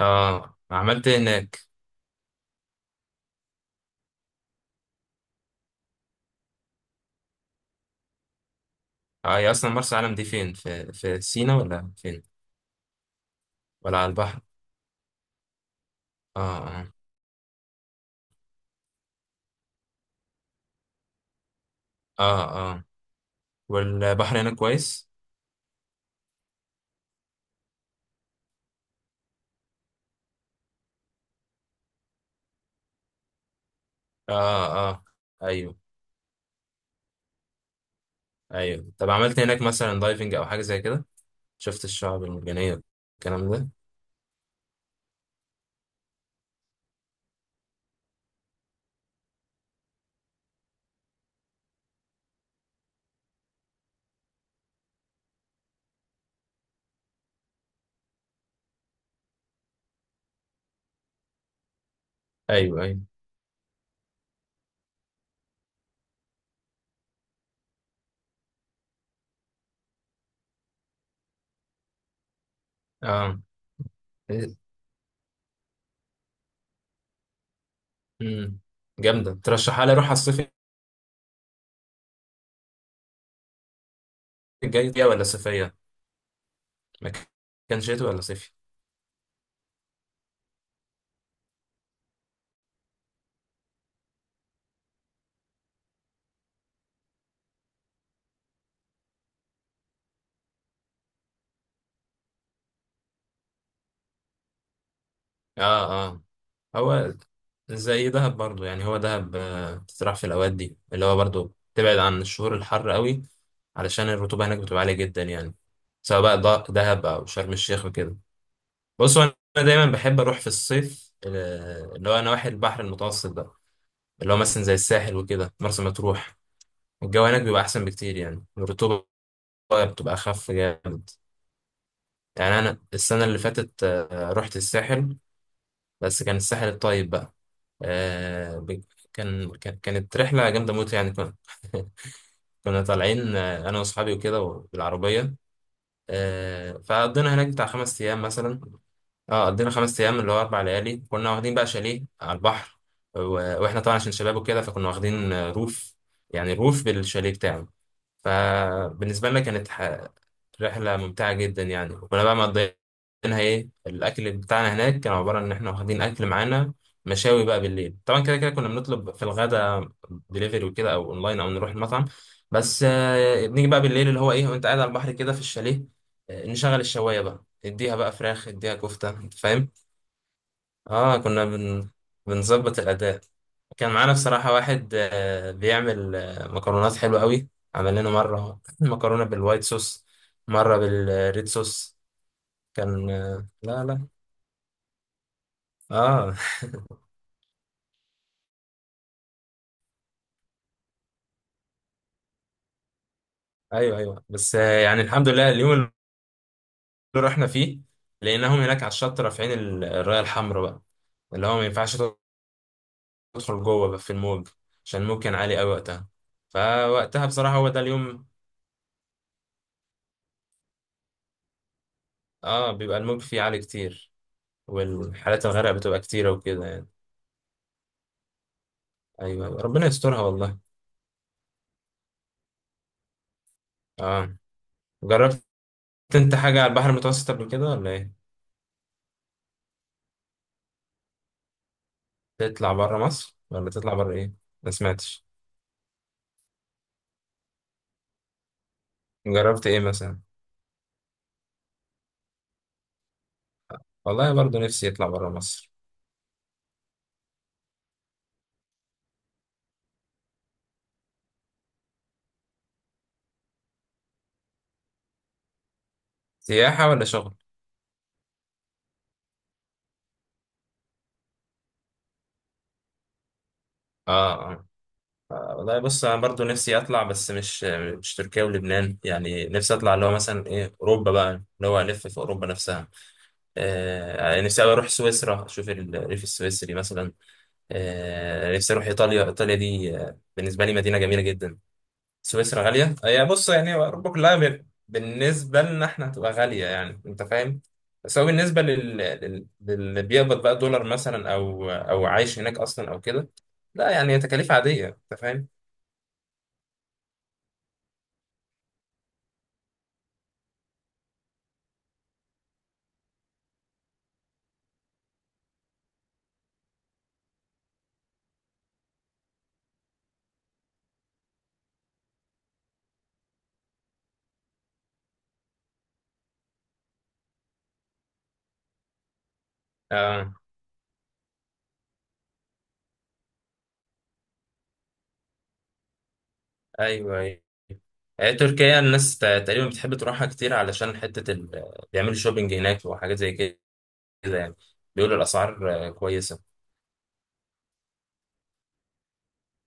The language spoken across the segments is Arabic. اه، عملت إيه هناك؟ اه، هي اصلا مرسى علم دي فين؟ في سينا ولا فين، ولا على البحر؟ اه. اه. اه. اه. والبحر هناك كويس؟ اه، اه. ايوه، ايوه. طب عملت إيه هناك مثلا، دايفنج او حاجه زي كده؟ شفت الشعب المرجانيه، الكلام ده؟ ايوه، ايوه، اه. إيه؟ مم. جامده، ترشحها لي اروح على الصيف الجاي؟ دي ولا صيفيه؟ مكان شتوي ولا صيفي؟ اه، اه. هو زي دهب برضو، يعني هو دهب بتتراح في الأوقات دي، اللي هو برضو تبعد عن الشهور الحر قوي، علشان الرطوبة هناك بتبقى عالية جدا يعني، سواء بقى دهب أو شرم الشيخ وكده. بص، هو أنا دايما بحب أروح في الصيف اللي هو نواحي البحر المتوسط ده، اللي هو مثلا زي الساحل وكده، مرسى مطروح. الجو هناك بيبقى أحسن بكتير، يعني الرطوبة بتبقى أخف جامد. يعني أنا السنة اللي فاتت رحت الساحل، بس كان الساحل الطيب بقى. آه ب- كانت رحلة جامدة موت يعني. كنا كنا طالعين أنا وأصحابي وكده، بالعربية. فقضينا هناك بتاع 5 أيام مثلا. اه، قضينا 5 أيام، اللي هو 4 ليالي. كنا واخدين بقى شاليه على البحر، وإحنا طبعا عشان شباب وكده، فكنا واخدين روف، يعني روف بالشاليه بتاعه. فبالنسبة لنا كانت رحلة ممتعة جدا يعني، وكنا بقى مقضيينها. ايه الأكل بتاعنا هناك، كان عبارة إن احنا واخدين أكل معانا، مشاوي بقى بالليل. طبعا كده كنا بنطلب في الغدا دليفري وكده، أو أونلاين، أو نروح المطعم. بس بنيجي بقى بالليل اللي هو ايه، وأنت قاعد على البحر كده في الشاليه، نشغل الشواية بقى، اديها بقى فراخ، اديها كفتة، انت فاهم. اه، كنا بنظبط الأداء. كان معانا بصراحة واحد بيعمل مكرونات حلوة قوي. عمل لنا مرة مكرونة بالوايت صوص، مرة بالريد صوص. كان آه، لا، لا. اه ايوه، ايوه، بس يعني الحمد لله اليوم اللي رحنا فيه لقيناهم هناك على الشط رافعين الراية الحمراء بقى، اللي هو ما ينفعش تدخل جوه بقى في الموج، عشان الموج كان عالي قوي وقتها. فوقتها بصراحة، هو ده اليوم. اه، بيبقى الموج فيه عالي كتير، والحالات الغرق بتبقى كتيرة وكده يعني. أيوة، أيوة. ربنا يسترها والله. آه. جربت أنت حاجة على البحر المتوسط قبل كده ولا إيه؟ تطلع برا مصر، ولا تطلع برا إيه؟ ما سمعتش. جربت إيه مثلا؟ والله برضو نفسي أطلع برا مصر. سياحة ولا شغل؟ آه، آه. والله بص، أنا برضو نفسي أطلع، بس مش تركيا ولبنان. يعني نفسي أطلع اللي هو مثلا إيه، أوروبا بقى، اللي هو ألف في أوروبا نفسها. يعني نفسي أوي أروح سويسرا، أشوف الريف السويسري مثلا. نفسي اروح ايطاليا. ايطاليا دي بالنسبه لي مدينه جميله جدا. سويسرا غاليه. هي بص، يعني اوروبا كلها بالنسبه لنا احنا هتبقى غاليه، يعني انت فاهم. بس هو بالنسبه للي بيقبض بقى دولار مثلا، او عايش هناك اصلا او كده، لا، يعني هي تكاليف عاديه، انت فاهم. اه، ايوه، ايوه. تركيا، الناس تقريبا بتحب تروحها كتير، علشان حته بيعملوا شوبينج هناك وحاجات زي كده يعني. بيقولوا الاسعار كويسه.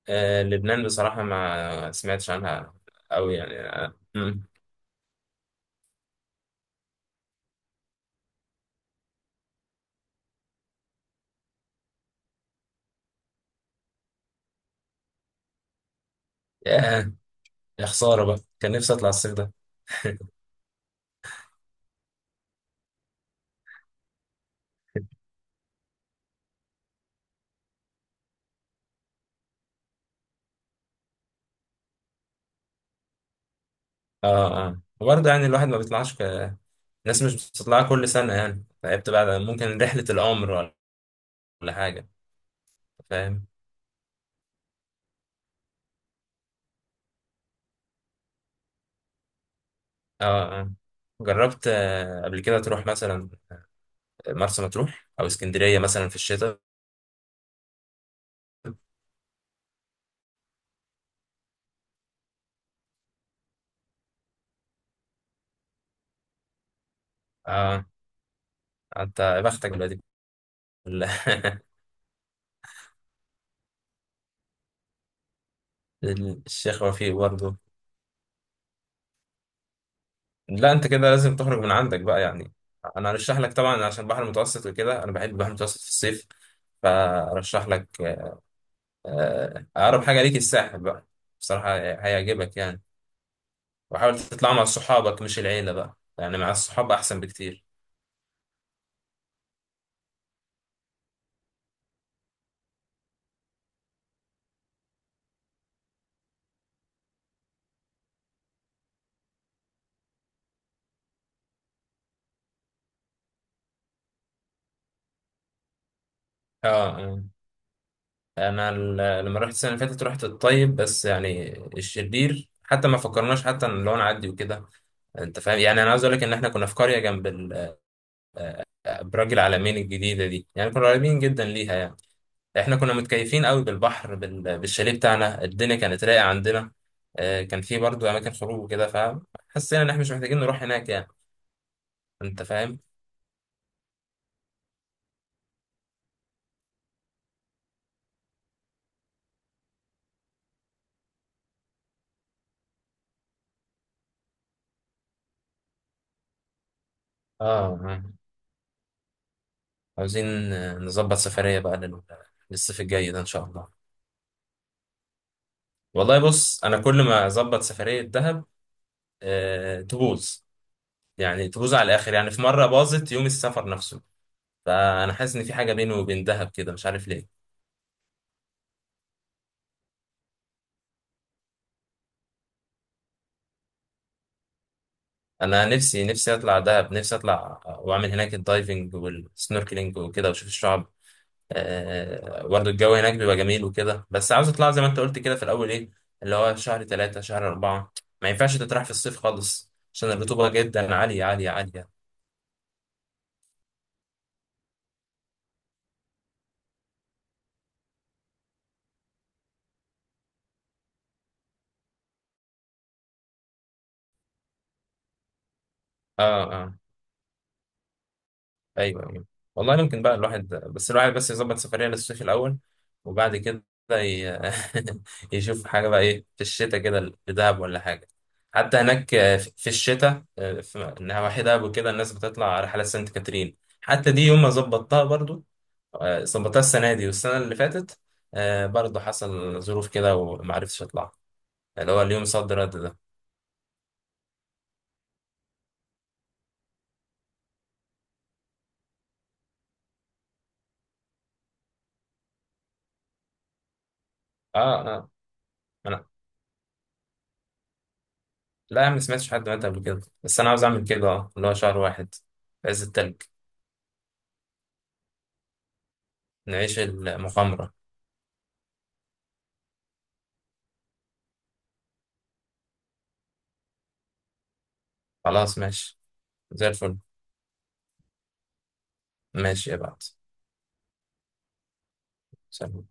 لبنان بصراحة ما سمعتش عنها أوي يعني. آه. مم. ياه، يا خسارة بقى، كان نفسي أطلع الصيف ده. اه، اه، وبرضه يعني الواحد ما الناس مش بتطلع كل سنة، يعني فهي بتبقى ممكن رحلة العمر ولا حاجة، فاهم. اه، اه. جربت قبل كده تروح مثلا مرسى مطروح أو اسكندرية مثلا في الشتاء؟ اه، انت يا بختك دلوقتي. الشيخ وفيق برضه. لا، انت كده لازم تخرج من عندك بقى يعني. انا هرشح لك طبعا، عشان البحر المتوسط وكده، انا بحب البحر المتوسط في الصيف. فارشح لك اقرب حاجه ليك الساحل بقى، بصراحه هيعجبك يعني. وحاول تطلع مع صحابك، مش العيله بقى، يعني مع الصحاب احسن بكتير. اه. آه. انا لما رحت السنه اللي فاتت، رحت الطيب بس، يعني الشرير حتى ما فكرناش حتى ان لو نعدي وكده. انت فاهم يعني، انا عايز اقول لك ان احنا كنا في قريه جنب برج العلمين الجديده دي، يعني كنا قريبين جدا ليها يعني. احنا كنا متكيفين قوي بالبحر بالشاليه بتاعنا، الدنيا كانت رايقه عندنا. كان في برضو اماكن خروج وكده، فحسينا ان احنا مش محتاجين نروح هناك يعني، انت فاهم. اه. آه. عاوزين نظبط سفريه بقى للصيف الجاي ده ان شاء الله. والله بص، انا كل ما اظبط سفريه دهب تبوظ. يعني تبوظ على الاخر، يعني في مره باظت يوم السفر نفسه. فانا حاسس ان في حاجه بيني وبين دهب كده، مش عارف ليه. انا نفسي، نفسي اطلع دهب، نفسي اطلع واعمل هناك الدايفنج والسنوركلينج وكده، واشوف الشعب. برضه الجو هناك بيبقى جميل وكده. بس عاوز اطلع زي ما انت قلت كده في الاول، ايه اللي هو شهر 3 شهر 4. ما ينفعش تطرح في الصيف خالص، عشان الرطوبة جدا عالية عالية عالية. اه، اه. ايوه، ايوه. والله ممكن بقى الواحد بس، الواحد بس يظبط سفريه للصيف الاول، وبعد كده ي... يشوف حاجه بقى ايه، في الشتاء كده لدهب ولا حاجه. حتى هناك في الشتاء، في نواحي دهب وكده، الناس بتطلع رحلات سانت كاترين. حتى دي يوم ما ظبطتها برضو، ظبطتها السنه دي والسنه اللي فاتت. برضو حصل ظروف كده وما عرفتش اطلع، اللي هو اليوم صد رد ده. اه، اه. انا لا يا عم، ما سمعتش حد مات قبل كده. بس انا عاوز اعمل كده، اللي هو شهر 1 في عز التلج، نعيش المغامرة. خلاص، ماشي. زي الفل. ماشي، ابعت. سلام.